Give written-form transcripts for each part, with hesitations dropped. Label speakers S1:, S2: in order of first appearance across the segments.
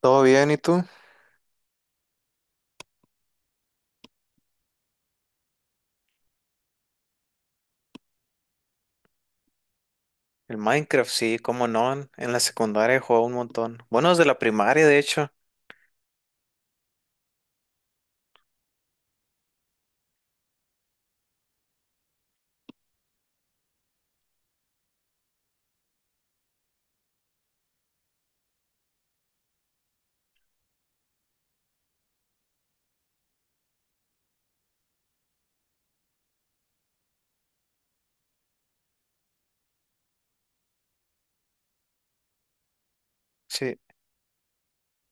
S1: ¿Todo bien? ¿Y tú? El Minecraft, sí, cómo no. En la secundaria jugaba un montón. Bueno, desde la primaria, de hecho. Sí.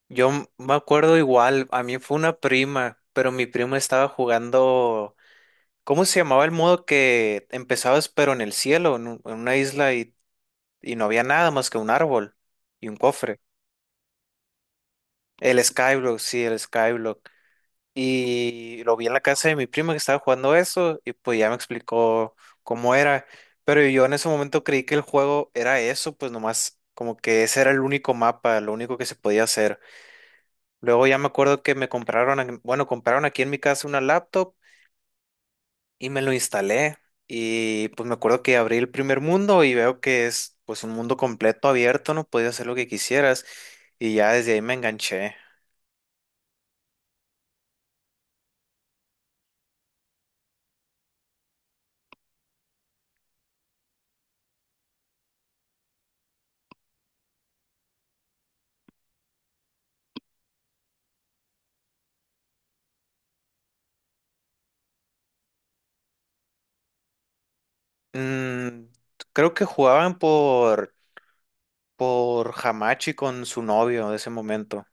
S1: Yo me acuerdo igual, a mí fue una prima, pero mi prima estaba jugando. ¿Cómo se llamaba el modo que empezabas, pero en el cielo, en una isla y no había nada más que un árbol y un cofre? El Skyblock, sí, el Skyblock. Y lo vi en la casa de mi prima que estaba jugando eso y pues ya me explicó cómo era. Pero yo en ese momento creí que el juego era eso, pues nomás como que ese era el único mapa, lo único que se podía hacer. Luego ya me acuerdo que me compraron, bueno, compraron aquí en mi casa una laptop y me lo instalé. Y pues me acuerdo que abrí el primer mundo y veo que es pues un mundo completo abierto, no podías hacer lo que quisieras. Y ya desde ahí me enganché. Mm, creo que jugaban por Hamachi con su novio de ese momento.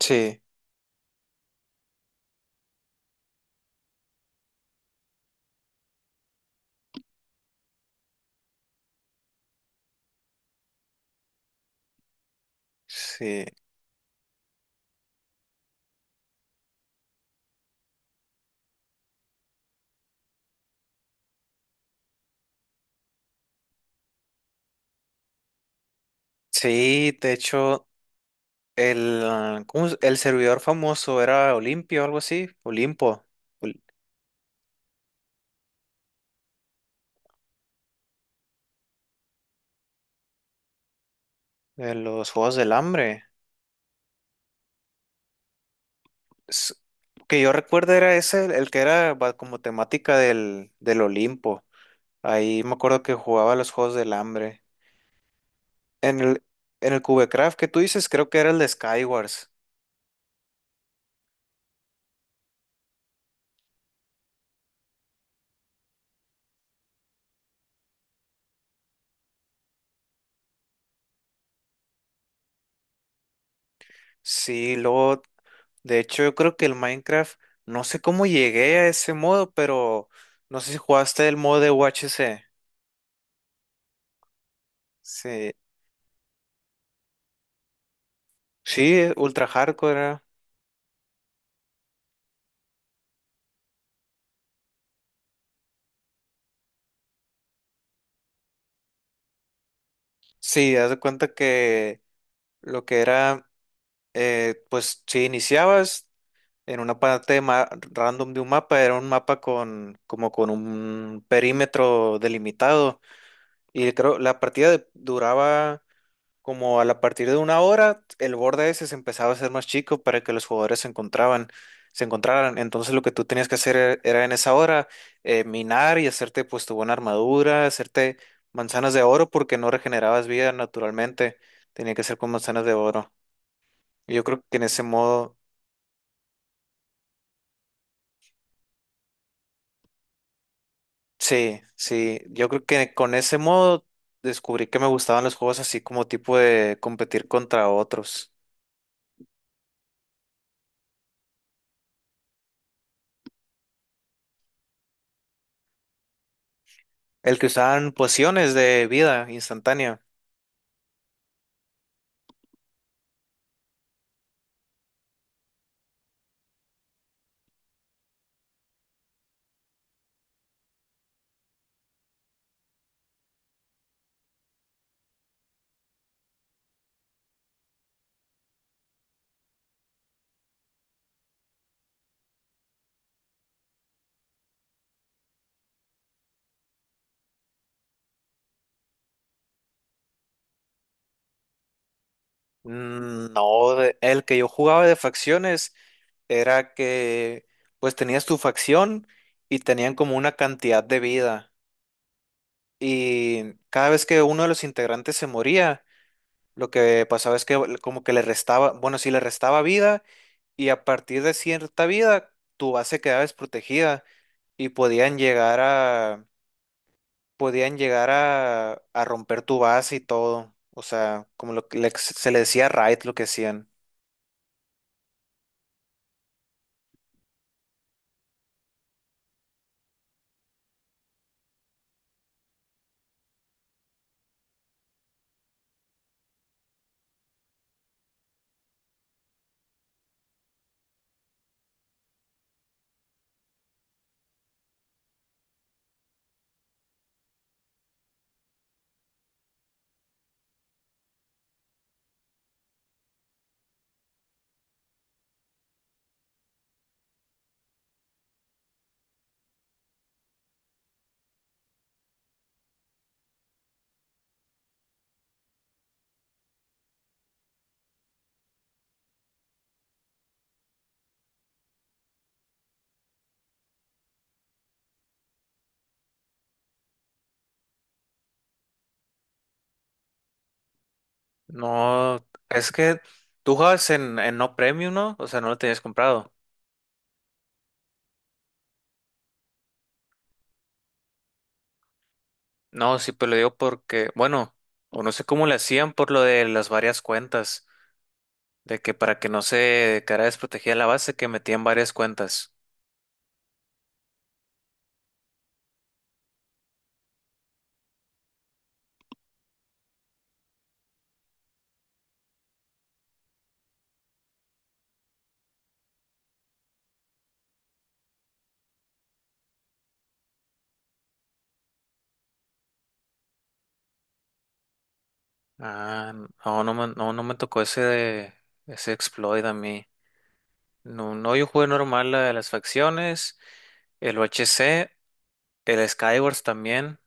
S1: Sí, sí, sí, de hecho, el, ah, ¿cómo es? El servidor famoso era Olimpio, algo así, Olimpo, Ol- de los Juegos del Hambre. S- que yo recuerdo era ese, el que era como temática del Olimpo. Ahí me acuerdo que jugaba los Juegos del Hambre. En el, en el Cubecraft que tú dices, creo que era el de Skywars. Sí, luego. De hecho, yo creo que el Minecraft, no sé cómo llegué a ese modo, pero no sé si jugaste el modo de UHC. Sí, sí, ultra hardcore era. Sí, haz de cuenta que lo que era, pues si iniciabas en una parte random de un mapa, era un mapa con como con un perímetro delimitado. Y creo la partida duraba como a la partir de una hora, el borde ese se empezaba a hacer más chico para que los jugadores se encontraban, se encontraran. Entonces lo que tú tenías que hacer era en esa hora, minar y hacerte pues tu buena armadura, hacerte manzanas de oro porque no regenerabas vida naturalmente. Tenía que ser con manzanas de oro. Yo creo que en ese modo, sí, sí, yo creo que con ese modo descubrí que me gustaban los juegos así como tipo de competir contra otros. El que usaban pociones de vida instantánea. Mm, no, el que yo jugaba de facciones era que pues tenías tu facción y tenían como una cantidad de vida y cada vez que uno de los integrantes se moría, lo que pasaba es que como que le restaba, bueno, sí le restaba vida y a partir de cierta vida tu base quedaba desprotegida y podían llegar a, a romper tu base y todo, o sea, como lo que se le decía raid lo que hacían. No, es que tú jugabas en No Premium, ¿no? O sea, no lo tenías comprado. No, sí, pero lo digo porque, bueno, o no sé cómo le hacían por lo de las varias cuentas, de que para que no se quedara desprotegida la base, que metían varias cuentas. Ah, no, no me, no, no me tocó ese, ese exploit a mí. No, no, yo jugué normal la de las facciones, el O H C, el Skywars también.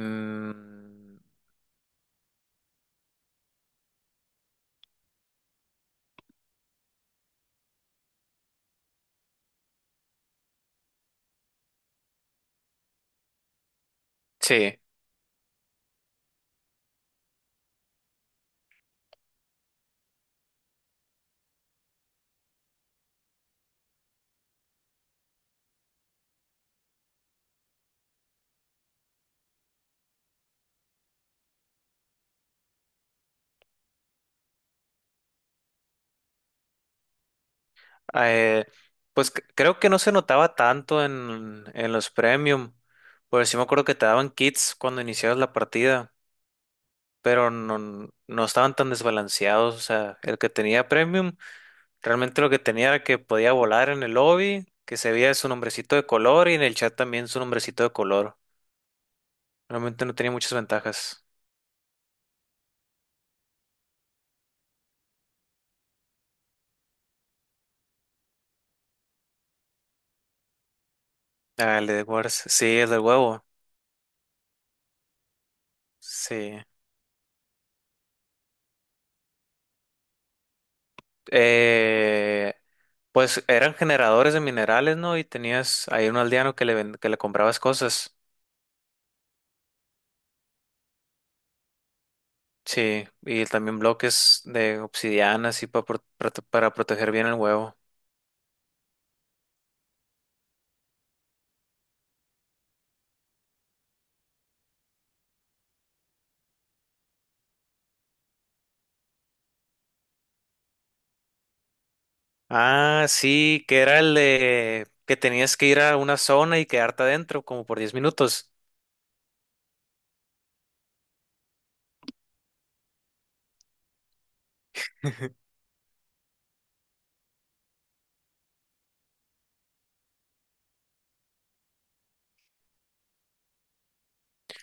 S1: Mm, sí. Eh, pues creo que no se notaba tanto en los premium, porque sí me acuerdo que te daban kits cuando iniciabas la partida, pero no, no estaban tan desbalanceados. O sea, el que tenía premium, realmente lo que tenía era que podía volar en el lobby, que se veía su nombrecito de color y en el chat también su nombrecito de color. Realmente no tenía muchas ventajas. Ah, el de Wars, sí, el del huevo, sí. eh, pues eran generadores de minerales, ¿no? Y tenías ahí un aldeano que que le comprabas cosas. Sí, y también bloques de obsidiana, así pa para proteger bien el huevo. Ah, sí, que era el de que tenías que ir a una zona y quedarte adentro como por 10 minutos.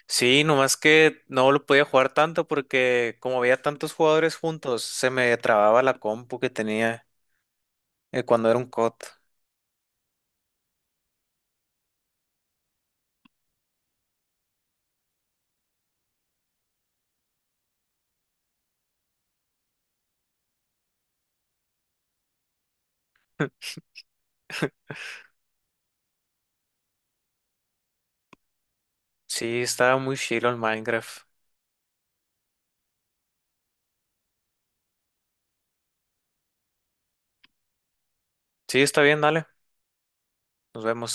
S1: Sí, nomás que no lo podía jugar tanto porque como había tantos jugadores juntos, se me trababa la compu que tenía cuando era un COD. Sí, estaba muy chilo el Minecraft. Sí, está bien, dale. Nos vemos.